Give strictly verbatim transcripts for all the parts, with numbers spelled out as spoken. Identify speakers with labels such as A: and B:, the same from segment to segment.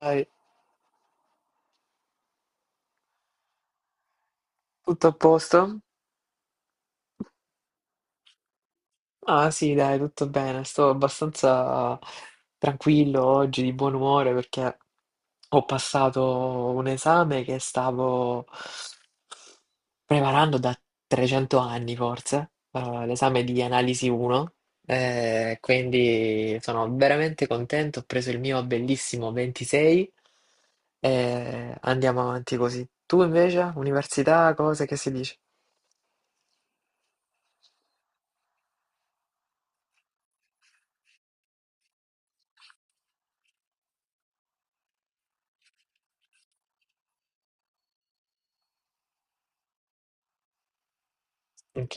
A: Dai, tutto a posto? Ah sì, dai, tutto bene. Sto abbastanza tranquillo oggi, di buon umore, perché ho passato un esame che stavo preparando da trecento anni, forse, eh, l'esame di analisi uno. Eh, quindi sono veramente contento, ho preso il mio bellissimo ventisei e andiamo avanti così. Tu invece, università, cose che si dice? Ok.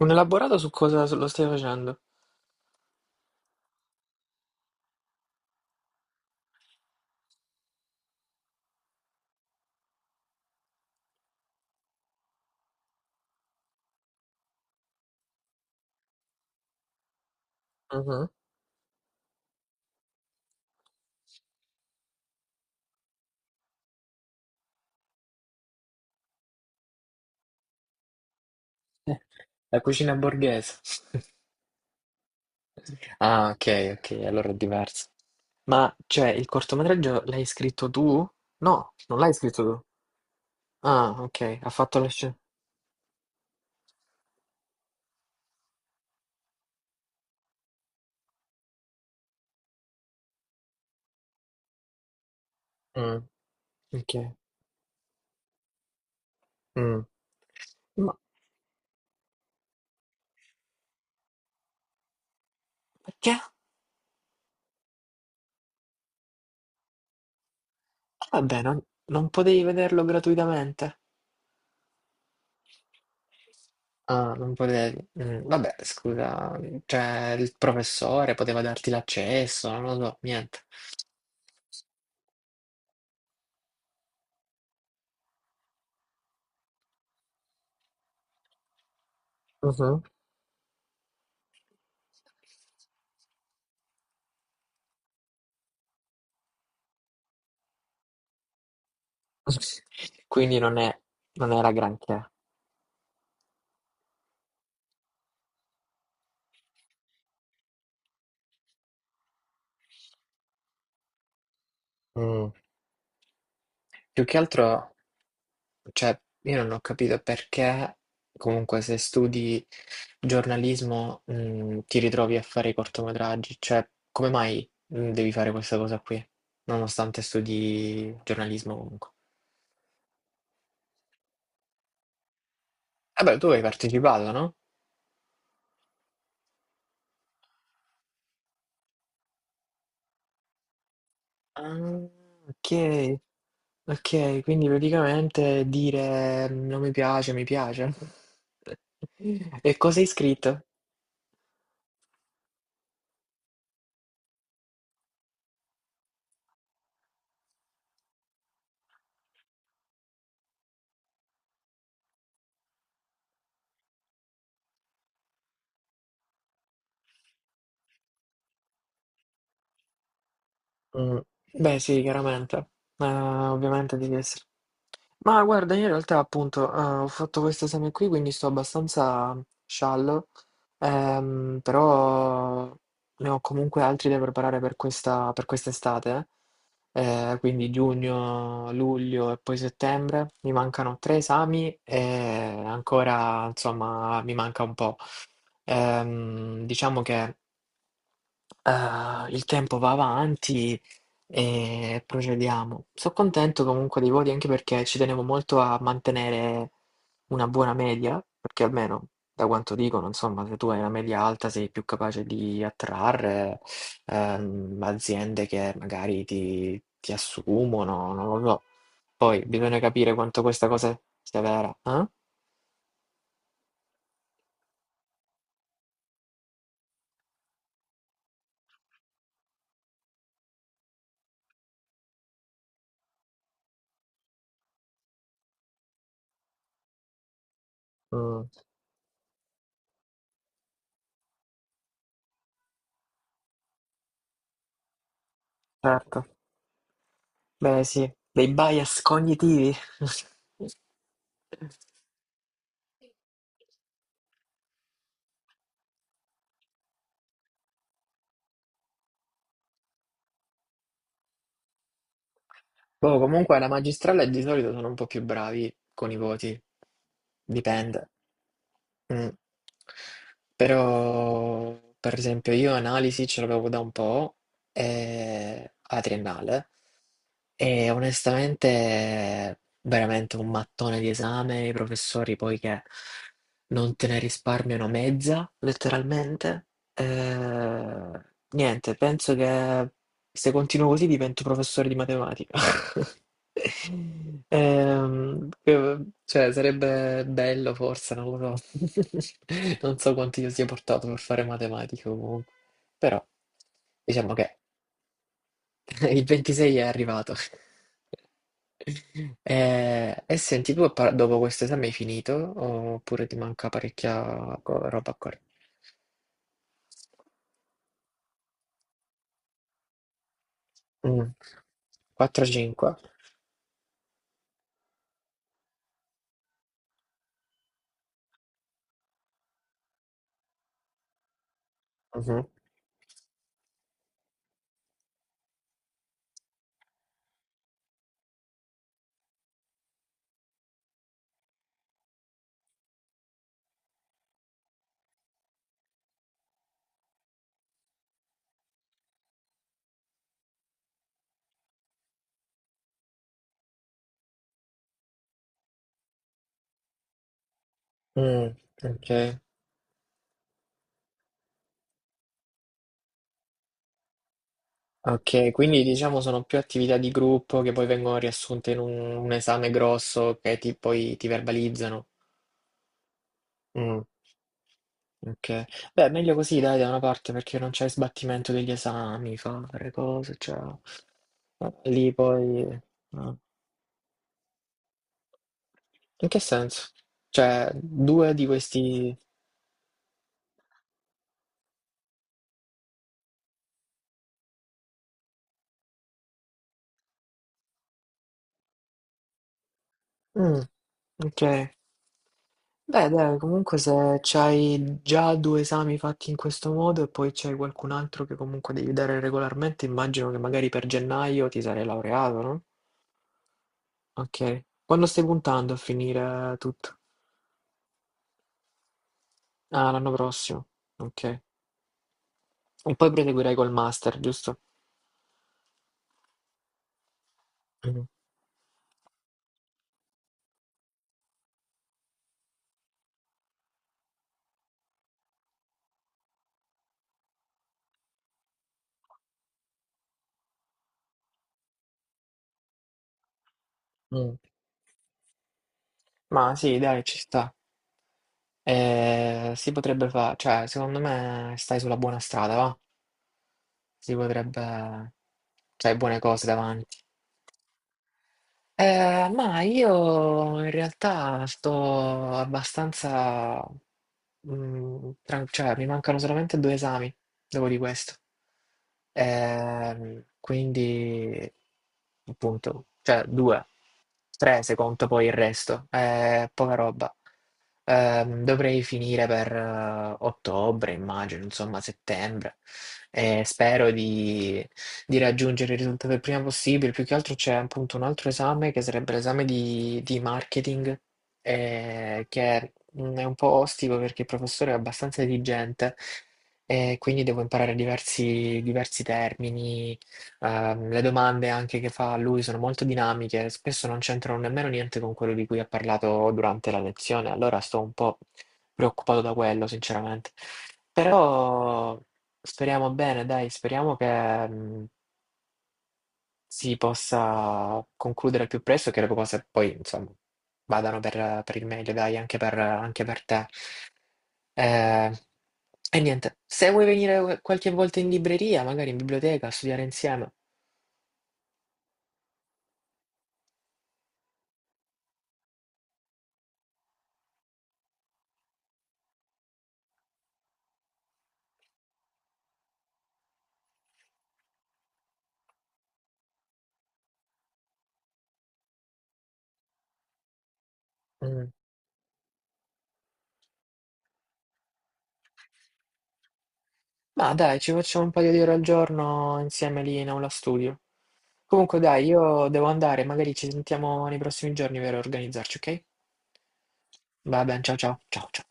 A: Un elaborato su cosa lo stai facendo? Mhm. Eh, la cucina borghese. Ah, ok, ok, allora è diverso. Ma cioè, il cortometraggio l'hai scritto tu? No, non l'hai scritto tu. Ah, ok, ha fatto la scena. Mm, ok. Mm. Ma perché? Vabbè, non, non potevi vederlo gratuitamente? Ah, non potevi. Mm, vabbè, scusa, cioè il professore poteva darti l'accesso, non lo so, niente. Mhm. Quindi non è, non era granché. Mm. Più che altro. Cioè, io non ho capito perché, comunque, se studi giornalismo, mh, ti ritrovi a fare i cortometraggi. Cioè, come mai, mh, devi fare questa cosa qui, nonostante studi giornalismo comunque? Vabbè, tu hai partecipato, no? Ah, ok, ok, quindi praticamente dire "Mm, non mi piace, mi piace." E cosa hai scritto? Mm, beh, sì, chiaramente. Ma ovviamente devi essere. Ma guarda, io in realtà appunto, ehm, ho fatto questo esame qui, quindi sto abbastanza sciallo, ehm, però ne ho comunque altri da preparare per questa per quest'estate, eh, quindi giugno, luglio e poi settembre. Mi mancano tre esami e ancora, insomma, mi manca un po'. Ehm, diciamo che, eh, il tempo va avanti. E procediamo. Sono contento comunque dei voti anche perché ci tenevo molto a mantenere una buona media, perché almeno da quanto dicono, insomma, se tu hai una media alta sei più capace di attrarre ehm, aziende che magari ti, ti assumono, non lo so. Poi bisogna capire quanto questa cosa sia vera, eh? Mm, certo. Beh, sì, dei bias cognitivi. Boh, comunque alla magistrale di solito sono un po' più bravi con i voti, dipende. Mm. Però, per esempio, io analisi ce l'avevo da un po' eh, alla triennale e onestamente veramente un mattone di esame, i professori poi che non te ne risparmiano mezza, letteralmente. Eh, niente, penso che se continuo così divento professore di matematica. Ehm, eh, cioè, sarebbe bello forse, non lo so. Non so quanto io sia portato per fare matematica comunque. Però, diciamo che il ventisei è arrivato. Eh, E, senti, tu appa- dopo questo esame hai finito oppure ti manca parecchia co- roba ancora? Mm. quattro cinque? Mhm. Mm, ok. Ok, quindi diciamo sono più attività di gruppo che poi vengono riassunte in un, un esame grosso che ti, poi ti verbalizzano. Mm, ok, beh, meglio così dai da una parte perché non c'è sbattimento degli esami, fare cose, cioè eh, lì poi... eh, In che senso? Cioè, due di questi... Mm, ok. Beh, dai, comunque se c'hai già due esami fatti in questo modo e poi c'hai qualcun altro che comunque devi dare regolarmente, immagino che magari per gennaio ti sarei laureato, no? Ok. Quando stai puntando a finire tutto? Ah, l'anno prossimo. Ok. E poi proseguirai col master, giusto? Mm. Mm. Ma sì, dai, ci sta. Eh, si potrebbe fare, cioè, secondo me stai sulla buona strada, va? Si potrebbe... C'hai buone cose davanti. Eh, ma io in realtà sto abbastanza... mm, tran- cioè, mi mancano solamente due esami dopo di questo. Ehm, quindi, appunto, cioè due. Tre, se conto poi il resto. Eh, poca roba. Ehm, dovrei finire per eh, ottobre, immagino, insomma, settembre. E spero di, di raggiungere il risultato il prima possibile. Più che altro c'è appunto un altro esame che sarebbe l'esame di, di marketing, eh, che mm, è un po' ostico perché il professore è abbastanza esigente e quindi devo imparare diversi, diversi termini. Ehm, le domande anche che fa a lui sono molto dinamiche, spesso non c'entrano nemmeno niente con quello di cui ha parlato durante la lezione, allora sto un po' preoccupato da quello, sinceramente. Però speriamo bene, dai, speriamo che mh, si possa concludere al più presto e che le cose poi, insomma, vadano per, per il meglio, dai, anche per, anche per te. Eh, e niente, se vuoi venire qualche volta in libreria, magari in biblioteca, a studiare insieme. Mm. Ma dai, ci facciamo un paio di ore al giorno insieme lì in aula studio. Comunque dai, io devo andare, magari ci sentiamo nei prossimi giorni per organizzarci, ok? Va bene, ciao ciao, ciao ciao.